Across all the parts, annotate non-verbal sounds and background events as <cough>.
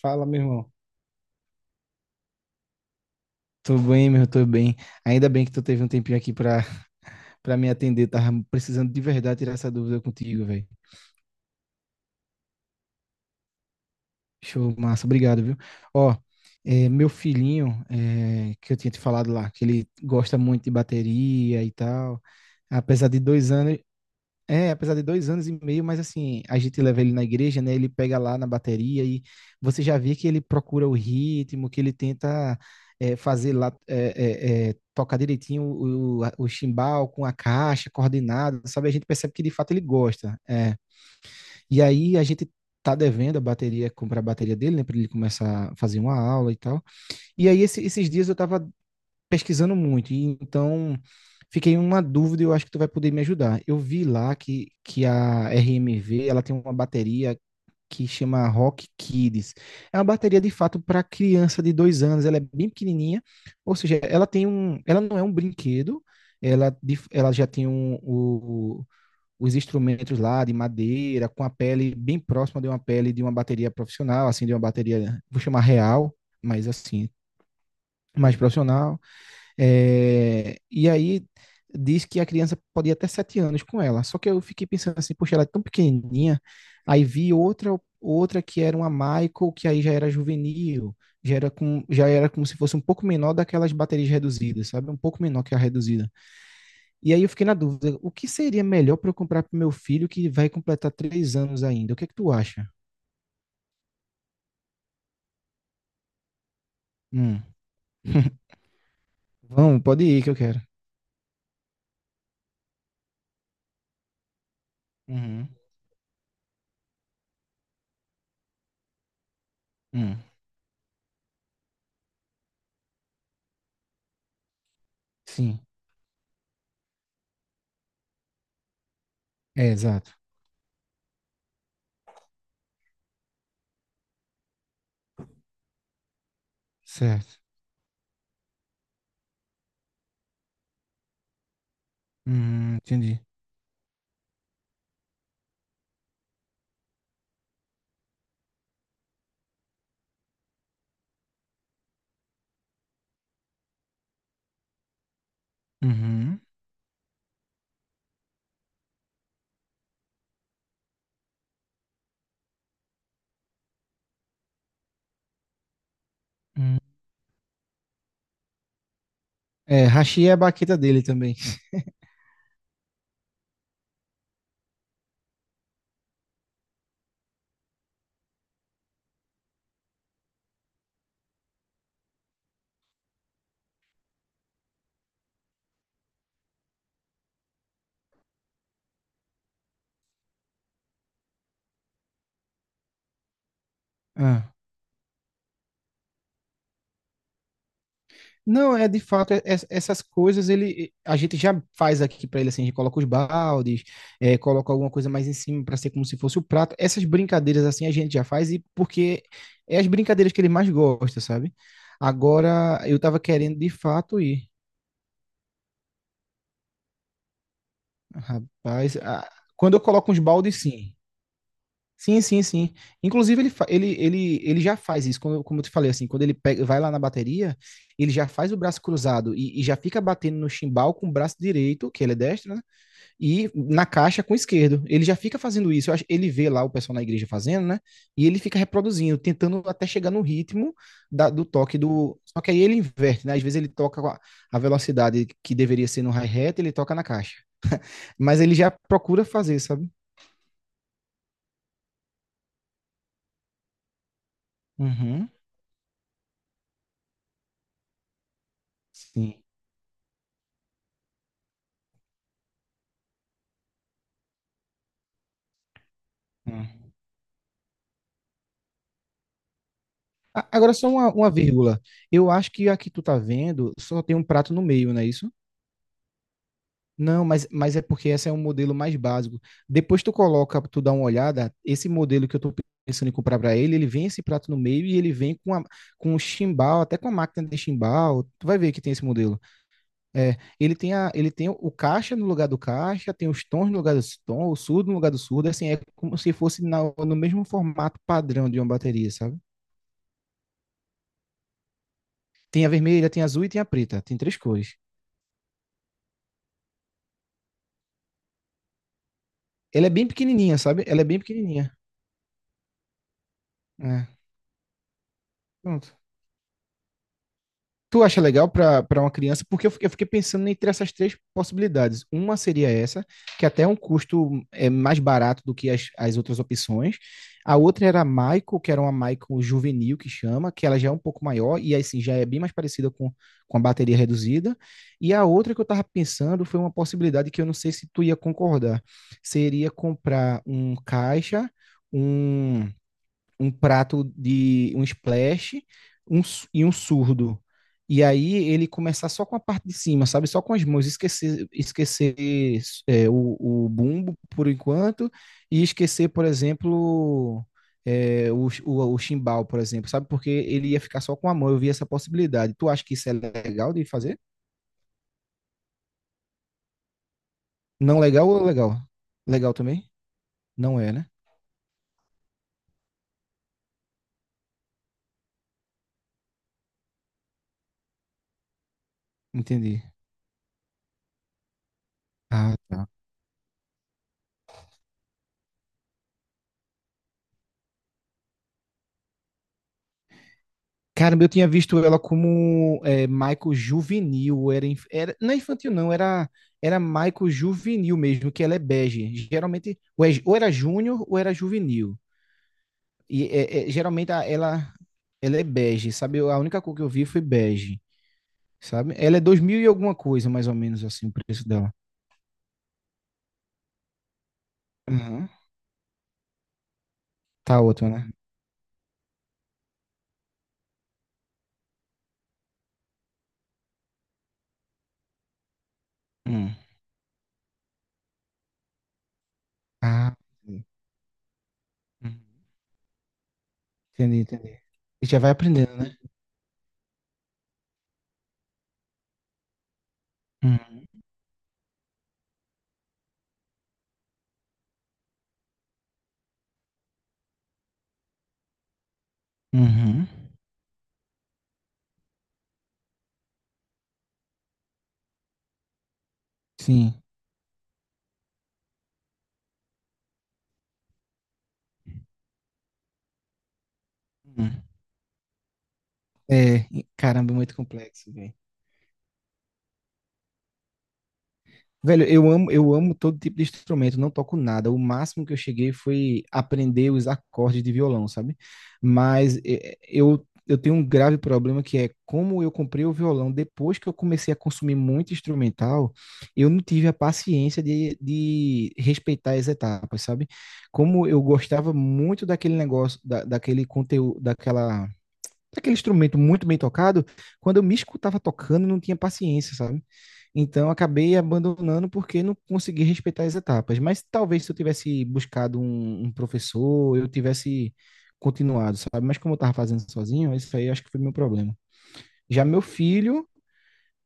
Fala, meu irmão. Tô bem, meu, tô bem. Ainda bem que tu teve um tempinho aqui pra, pra me atender. Tava precisando de verdade tirar essa dúvida contigo, velho. Show, massa. Obrigado, viu? Ó, meu filhinho, é que eu tinha te falado lá, que ele gosta muito de bateria e tal. Apesar de dois anos, Apesar de dois anos e meio, mas assim, a gente leva ele na igreja, né? Ele pega lá na bateria e você já vê que ele procura o ritmo, que ele tenta, fazer lá, tocar direitinho o chimbal com a caixa, coordenado, sabe? A gente percebe que de fato ele gosta. É. E aí a gente tá devendo a bateria, comprar a bateria dele, né? Pra ele começar a fazer uma aula e tal. E aí esses dias eu tava pesquisando muito, e então fiquei em uma dúvida e eu acho que tu vai poder me ajudar. Eu vi lá que a RMV, ela tem uma bateria que chama Rock Kids. É uma bateria de fato para criança de dois anos. Ela é bem pequenininha, ou seja, ela não é um brinquedo. Ela, de- ela já tem um, o- Os instrumentos lá de madeira, com a pele bem próxima de uma pele de uma bateria profissional, assim, de uma bateria, vou chamar real, mas assim, mais profissional. E aí diz que a criança pode ir até sete anos com ela. Só que eu fiquei pensando assim, poxa, ela é tão pequenininha. Aí vi outra que era uma Michael, que aí já era juvenil, já era como se fosse um pouco menor daquelas baterias reduzidas, sabe? Um pouco menor que a reduzida. E aí eu fiquei na dúvida, o que seria melhor para eu comprar para meu filho que vai completar três anos ainda? O que é que tu acha? Hum. <laughs> Vamos, pode ir que eu quero. Uhum. Hum. Sim, é exato. Certo. Entendi. Uhum. Hum. É, hashi é a baqueta dele também. Ah. Não, é de fato, essas coisas ele a gente já faz aqui pra ele, assim, a gente coloca os baldes, é, coloca alguma coisa mais em cima pra ser como se fosse o prato. Essas brincadeiras assim a gente já faz, e porque é as brincadeiras que ele mais gosta, sabe? Agora eu tava querendo de fato ir. Rapaz, a- Quando eu coloco uns baldes, sim. Sim, sim, sim. Inclusive, ele, fa- ele já faz isso, como eu te falei, assim, quando ele pega, vai lá na bateria, ele já faz o braço cruzado e já fica batendo no chimbal com o braço direito, que ele é destro, né? E na caixa com o esquerdo. Ele já fica fazendo isso. Ele vê lá o pessoal na igreja fazendo, né? E ele fica reproduzindo, tentando até chegar no ritmo do toque do. Só que aí ele inverte, né? Às vezes ele toca com a velocidade que deveria ser no hi-hat, ele toca na caixa. Mas ele já procura fazer, sabe? Uhum. Sim. Hum. Agora só uma vírgula. Eu acho que a que tu tá vendo só tem um prato no meio, não é isso? Não, mas é porque esse é um modelo mais básico. Depois tu coloca, tu dá uma olhada, esse modelo que eu tô pensando em comprar para ele, ele vem esse prato no meio e ele vem com, a, com o chimbal, até com a máquina de chimbal. Tu vai ver que tem esse modelo. É, ele tem o caixa no lugar do caixa, tem os tons no lugar dos tons, o surdo no lugar do surdo, assim, é como se fosse no mesmo formato padrão de uma bateria, sabe? Tem a vermelha, tem a azul e tem a preta. Tem três cores. Ela é bem pequenininha, sabe? Ela é bem pequenininha. É, pronto. Tu acha legal pra pra uma criança? Porque eu fiquei pensando entre essas três possibilidades. Uma seria essa, que até é um custo, é, mais barato do que as outras opções. A outra era a Michael, que era uma Michael juvenil, que chama, que ela já é um pouco maior e assim já é bem mais parecida com a bateria reduzida. E a outra que eu estava pensando foi uma possibilidade que eu não sei se tu ia concordar. Seria comprar um caixa, um um prato de um splash, e um surdo. E aí ele começar só com a parte de cima, sabe? Só com as mãos, esquecer, esquecer, é, o, o bumbo por enquanto, e esquecer, por exemplo, o chimbal, por exemplo, sabe? Porque ele ia ficar só com a mão, eu vi essa possibilidade. Tu acha que isso é legal de fazer? Não legal ou legal? Legal também? Não é, né? Entendi. Ah, tá. Caramba, eu tinha visto ela como é, Michael juvenil, era, não é infantil, não, era Michael juvenil mesmo, que ela é bege. Geralmente ou, ou era júnior ou era juvenil. E é, geralmente ela ela é bege, sabe? A única cor que eu vi foi bege, sabe? Ela é 2000 e alguma coisa, mais ou menos assim, o preço dela. Uhum. Tá ótimo, né? Hum. Ah, entendi. Uhum. Entendi. Entendi. E já vai aprendendo, né? Hum. Uhum. Sim. É, caramba, é muito complexo, velho. Velho, eu amo todo tipo de instrumento, não toco nada. O máximo que eu cheguei foi aprender os acordes de violão, sabe? Mas eu tenho um grave problema, que é como eu comprei o violão depois que eu comecei a consumir muito instrumental, eu não tive a paciência de respeitar as etapas, sabe? Como eu gostava muito daquele negócio, da, daquele conteúdo, daquela, daquele instrumento muito bem tocado, quando eu me escutava tocando, eu não tinha paciência, sabe? Então, eu acabei abandonando porque não consegui respeitar as etapas. Mas talvez se eu tivesse buscado um, um professor, eu tivesse continuado, sabe? Mas como eu estava fazendo sozinho, isso aí acho que foi meu problema. Já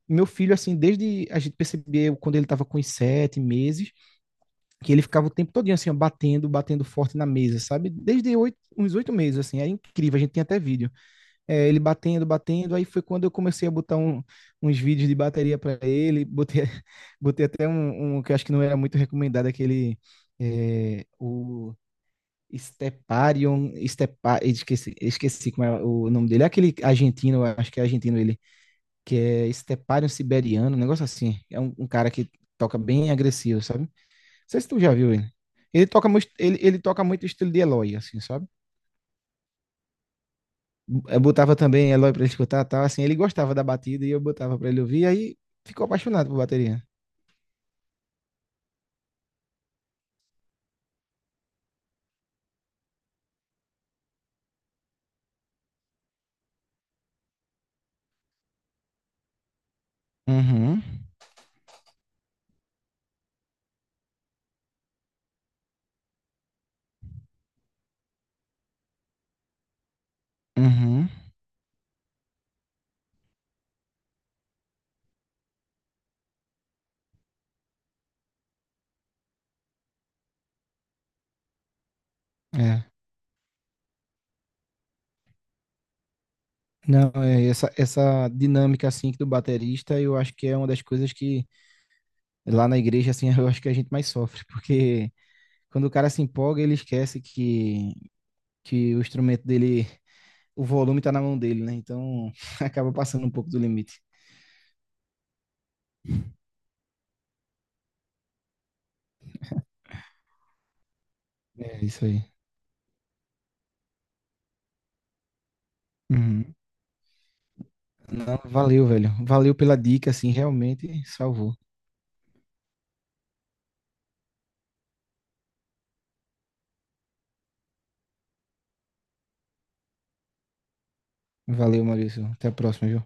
meu filho, assim, desde a gente percebeu quando ele estava com os sete meses, que ele ficava o tempo todinho, assim, ó, batendo, batendo forte na mesa, sabe? Desde oito, uns oito meses, assim, é incrível, a gente tem até vídeo. É, ele batendo, batendo. Aí foi quando eu comecei a botar uns vídeos de bateria para ele. Botei, <laughs> botei até um, um que eu acho que não era muito recomendado, aquele, o Steparion, Stepa, esqueci, esqueci como é o nome dele. É aquele argentino, eu acho que é argentino ele, que é Steparion Siberiano, um negócio assim. É um, um cara que toca bem agressivo, sabe? Não sei se tu já viu ele. Ele, ele toca muito estilo de Eloy, assim, sabe? Eu botava também Eloy pra ele escutar, tal, assim, ele gostava da batida e eu botava pra ele ouvir, aí ficou apaixonado por bateria. Uhum, uhum, é. Não, é essa, essa dinâmica, assim, do baterista, eu acho que é uma das coisas que lá na igreja, assim, <laughs> eu acho que a gente mais sofre, porque quando o cara se empolga, ele esquece que o instrumento dele, o volume tá na mão dele, né? Então, <laughs> acaba passando um pouco do limite. É isso aí. Uhum. Não, valeu, velho. Valeu pela dica, assim, realmente salvou. Valeu, Maurício. Até a próxima, viu?